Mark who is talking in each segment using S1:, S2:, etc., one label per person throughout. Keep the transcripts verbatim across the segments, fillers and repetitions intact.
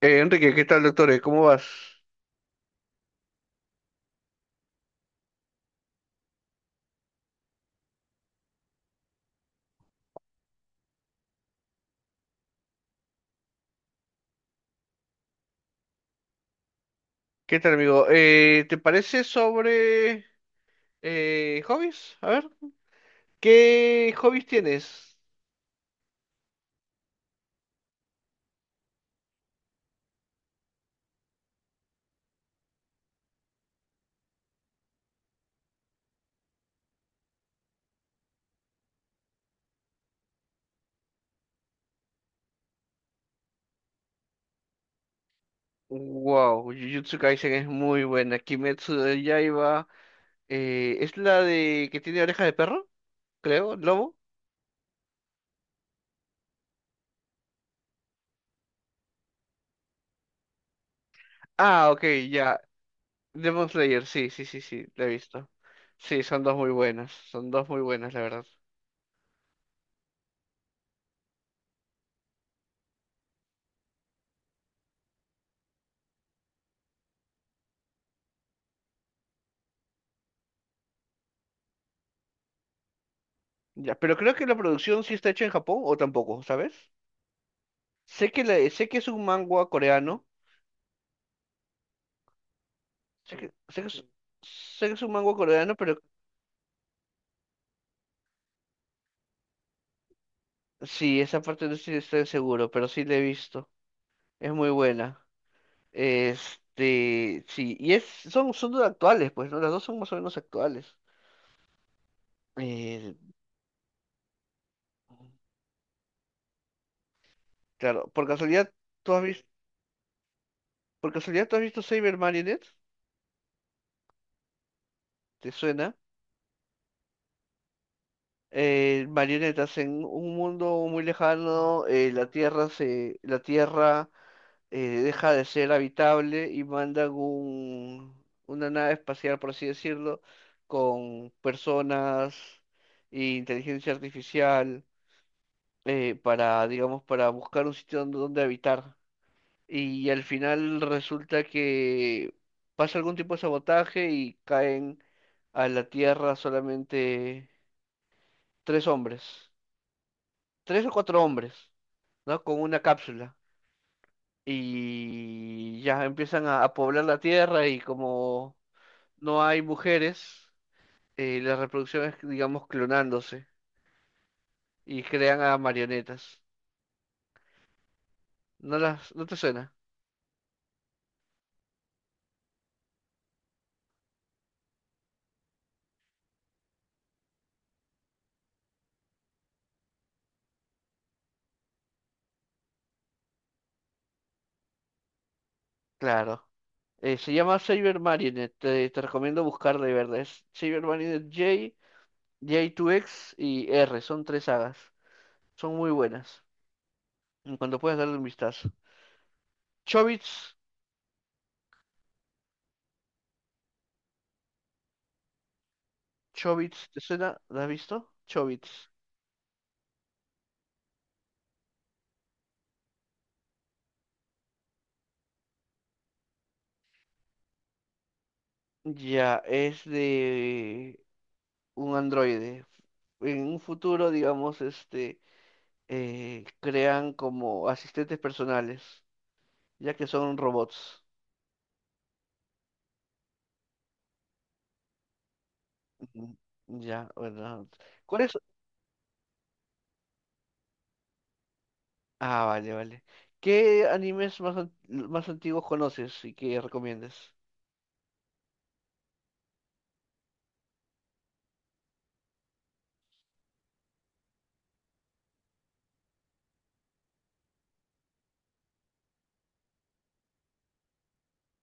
S1: Eh, Enrique, ¿qué tal, doctor? ¿Cómo vas? ¿Qué tal, amigo? Eh, ¿te parece sobre eh, hobbies? A ver, ¿qué hobbies tienes? Wow, Jujutsu Kaisen es muy buena. Kimetsu de Yaiba, eh, ¿es la de que tiene oreja de perro? Creo, lobo. Ah, ok, ya. Demon Slayer, sí, sí, sí, sí, la he visto. Sí, son dos muy buenas, son dos muy buenas, la verdad. Ya, pero creo que la producción sí está hecha en Japón o tampoco, ¿sabes? Sé que la- sé que es un manga coreano. Sé Sí, que, sé que es, sí. Sé que es un mango coreano, pero sí, esa parte no estoy, estoy seguro, pero sí la he visto. Es muy buena. Este, sí, y es, son, son dos actuales, pues, ¿no? Las dos son más o menos actuales. Eh, claro, por casualidad, ¿tú has visto, por casualidad, ¿tú has visto Saber Marionette? ¿Te suena? Eh, marionetas en un mundo muy lejano, eh, la Tierra se, la Tierra eh, deja de ser habitable y mandan un, una nave espacial, por así decirlo, con personas e inteligencia artificial eh, para, digamos, para buscar un sitio donde, donde habitar. Y al final resulta que pasa algún tipo de sabotaje y caen a la Tierra solamente tres hombres, tres o cuatro hombres, ¿no? Con una cápsula. Y ya empiezan a, a poblar la tierra y como no hay mujeres, eh, la reproducción es, digamos, clonándose y crean a marionetas. ¿No las, no te suena? Claro. Eh, se llama Saber Marionette, te, te recomiendo buscarla y verla. Es Saber Marionette J, J2X y R, son tres sagas. Son muy buenas. En cuanto puedas darle un vistazo. Chobits, Chobits, ¿te suena? ¿La has visto? Chobits. Ya, es de un androide. En un futuro, digamos, este, eh, crean como asistentes personales, ya que son robots. Ujú. Ya, bueno. ¿Cuál es? Ah, vale, vale. ¿Qué animes más, an- ¿Más antiguos conoces y que recomiendas?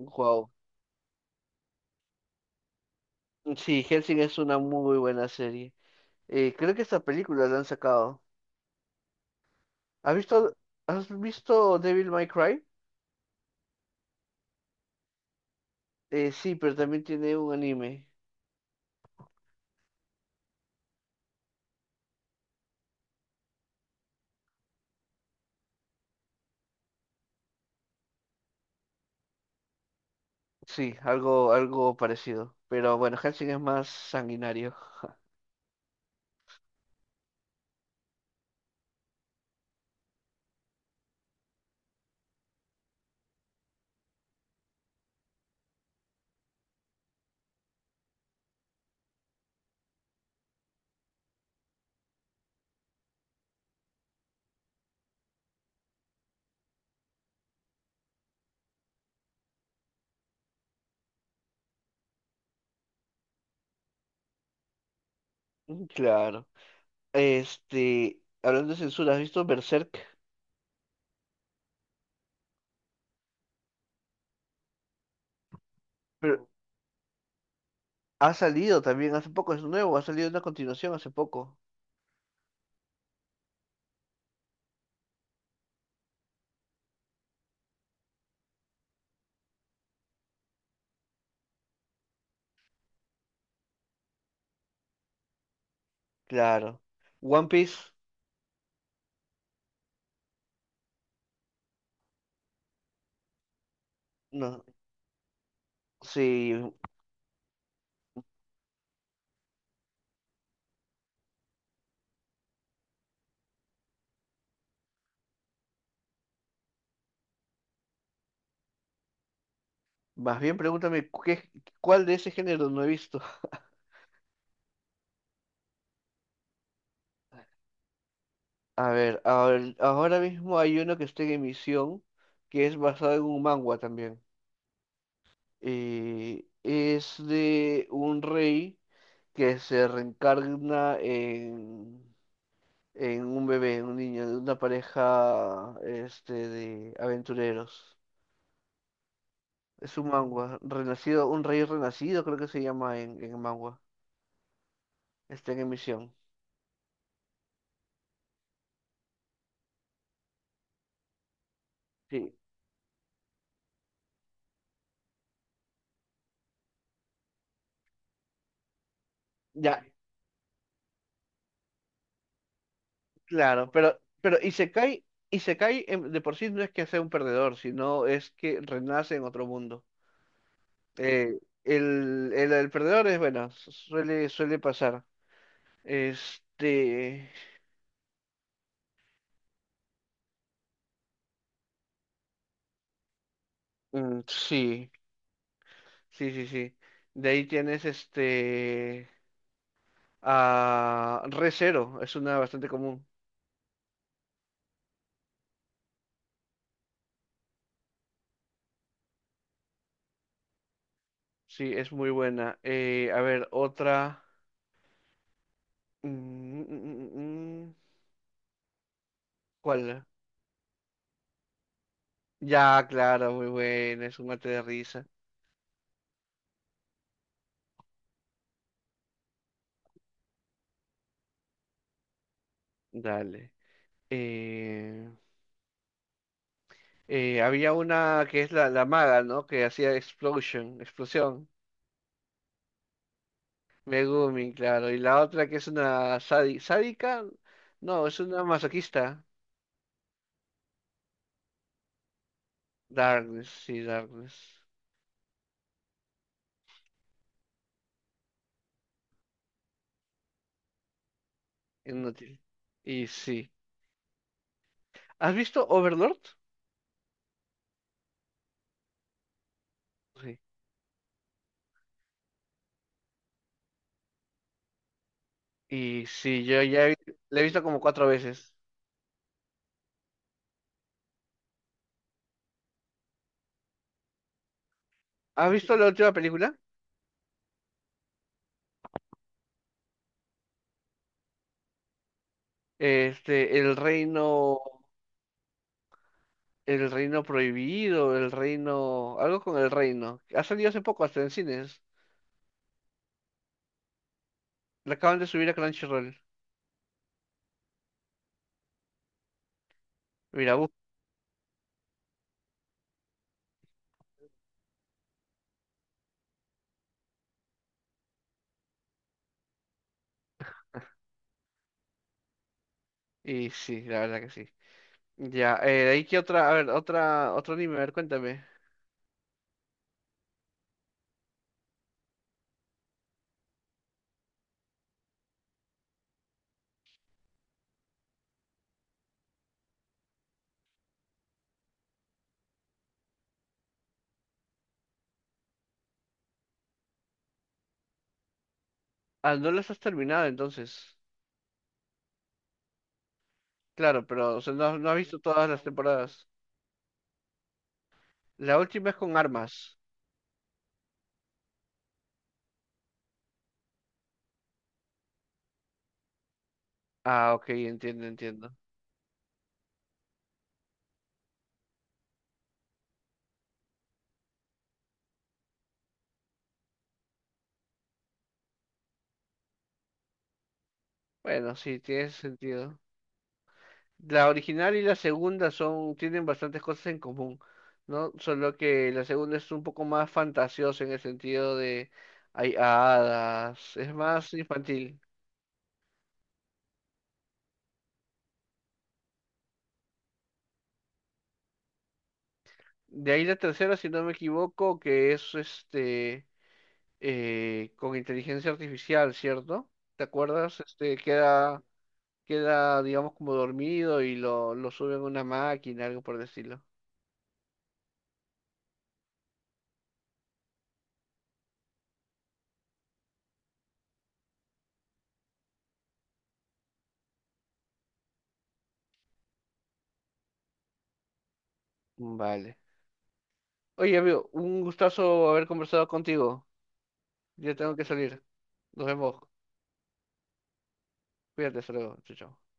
S1: Wow. Sí, Helsing es una muy buena serie. Eh, creo que esta película la han sacado. ¿Has visto, ¿Has visto Devil May Cry? Eh, sí, pero también tiene un anime. Sí, algo, algo parecido. Pero bueno, Helsing es más sanguinario. Mm, Claro. Este, hablando de censura, ¿has visto Berserk? Pero ha salido también hace poco, es nuevo, ha salido una continuación hace poco. Claro. One Piece, no. Sí, más bien pregúntame qué, cuál de ese género no he visto. A ver, ahor- ahora mismo hay uno que está en emisión que es basado en un manga también. Eh, es de un rey que se reencarna en, en un bebé, en un niño, de una pareja este, de aventureros. Es un mangua, renacido, un rey renacido creo que se llama en, en mangua. Está en emisión. Sí, ya, claro, pero, pero Isekai, Isekai em, de por sí no es que sea un perdedor, sino es que renace en otro mundo. Eh, el, el, el perdedor es, bueno, suele, suele pasar. Este, mm, sí, sí, sí, sí. De ahí tienes este, a Recero, es una bastante común. Sí, es muy buena. Eh, a ver, otra. mm, mm, mm, mm, mm, ¿Cuál? Ya, claro, muy buena, es un mate de risa. Dale. Eh, eh, Había una que es la, la maga, ¿no? Que hacía explosion, explosión. Megumi, claro. Y la otra que es una sadi- sádica, no, es una masoquista. Darkness, sí, Darkness. Inútil. Y sí. ¿Has visto Overlord? Sí. Y sí, yo ya he- la he visto como cuatro veces. ¿Has visto la última película? Este, El Reino, El Reino Prohibido, El Reino, algo con el Reino. Ha salido hace poco, hasta en cines. La acaban de subir a Crunchyroll. Mira, bu- Y sí, la verdad que sí. Ya, eh, de ahí que otra, a ver, otra, otro anime, a ver, cuéntame. Ah, no las has terminado entonces. Claro, pero o sea, no, no has visto todas las temporadas. La última es con armas. Ah, ok, entiendo, entiendo. Bueno, sí, tiene sentido. La original y la segunda son, tienen bastantes cosas en común, ¿no? Solo que la segunda es un poco más fantasiosa en el sentido de hay hadas, es más infantil. De ahí la tercera, si no me equivoco, que es este eh, con inteligencia artificial, ¿cierto? ¿Te acuerdas? Este, queda, queda, digamos, como dormido y lo, lo suben a una máquina, algo por el estilo. Vale. Oye, amigo, un gustazo haber conversado contigo. Ya tengo que salir. Nos vemos. Cuídate, hasta luego. Chao, chao.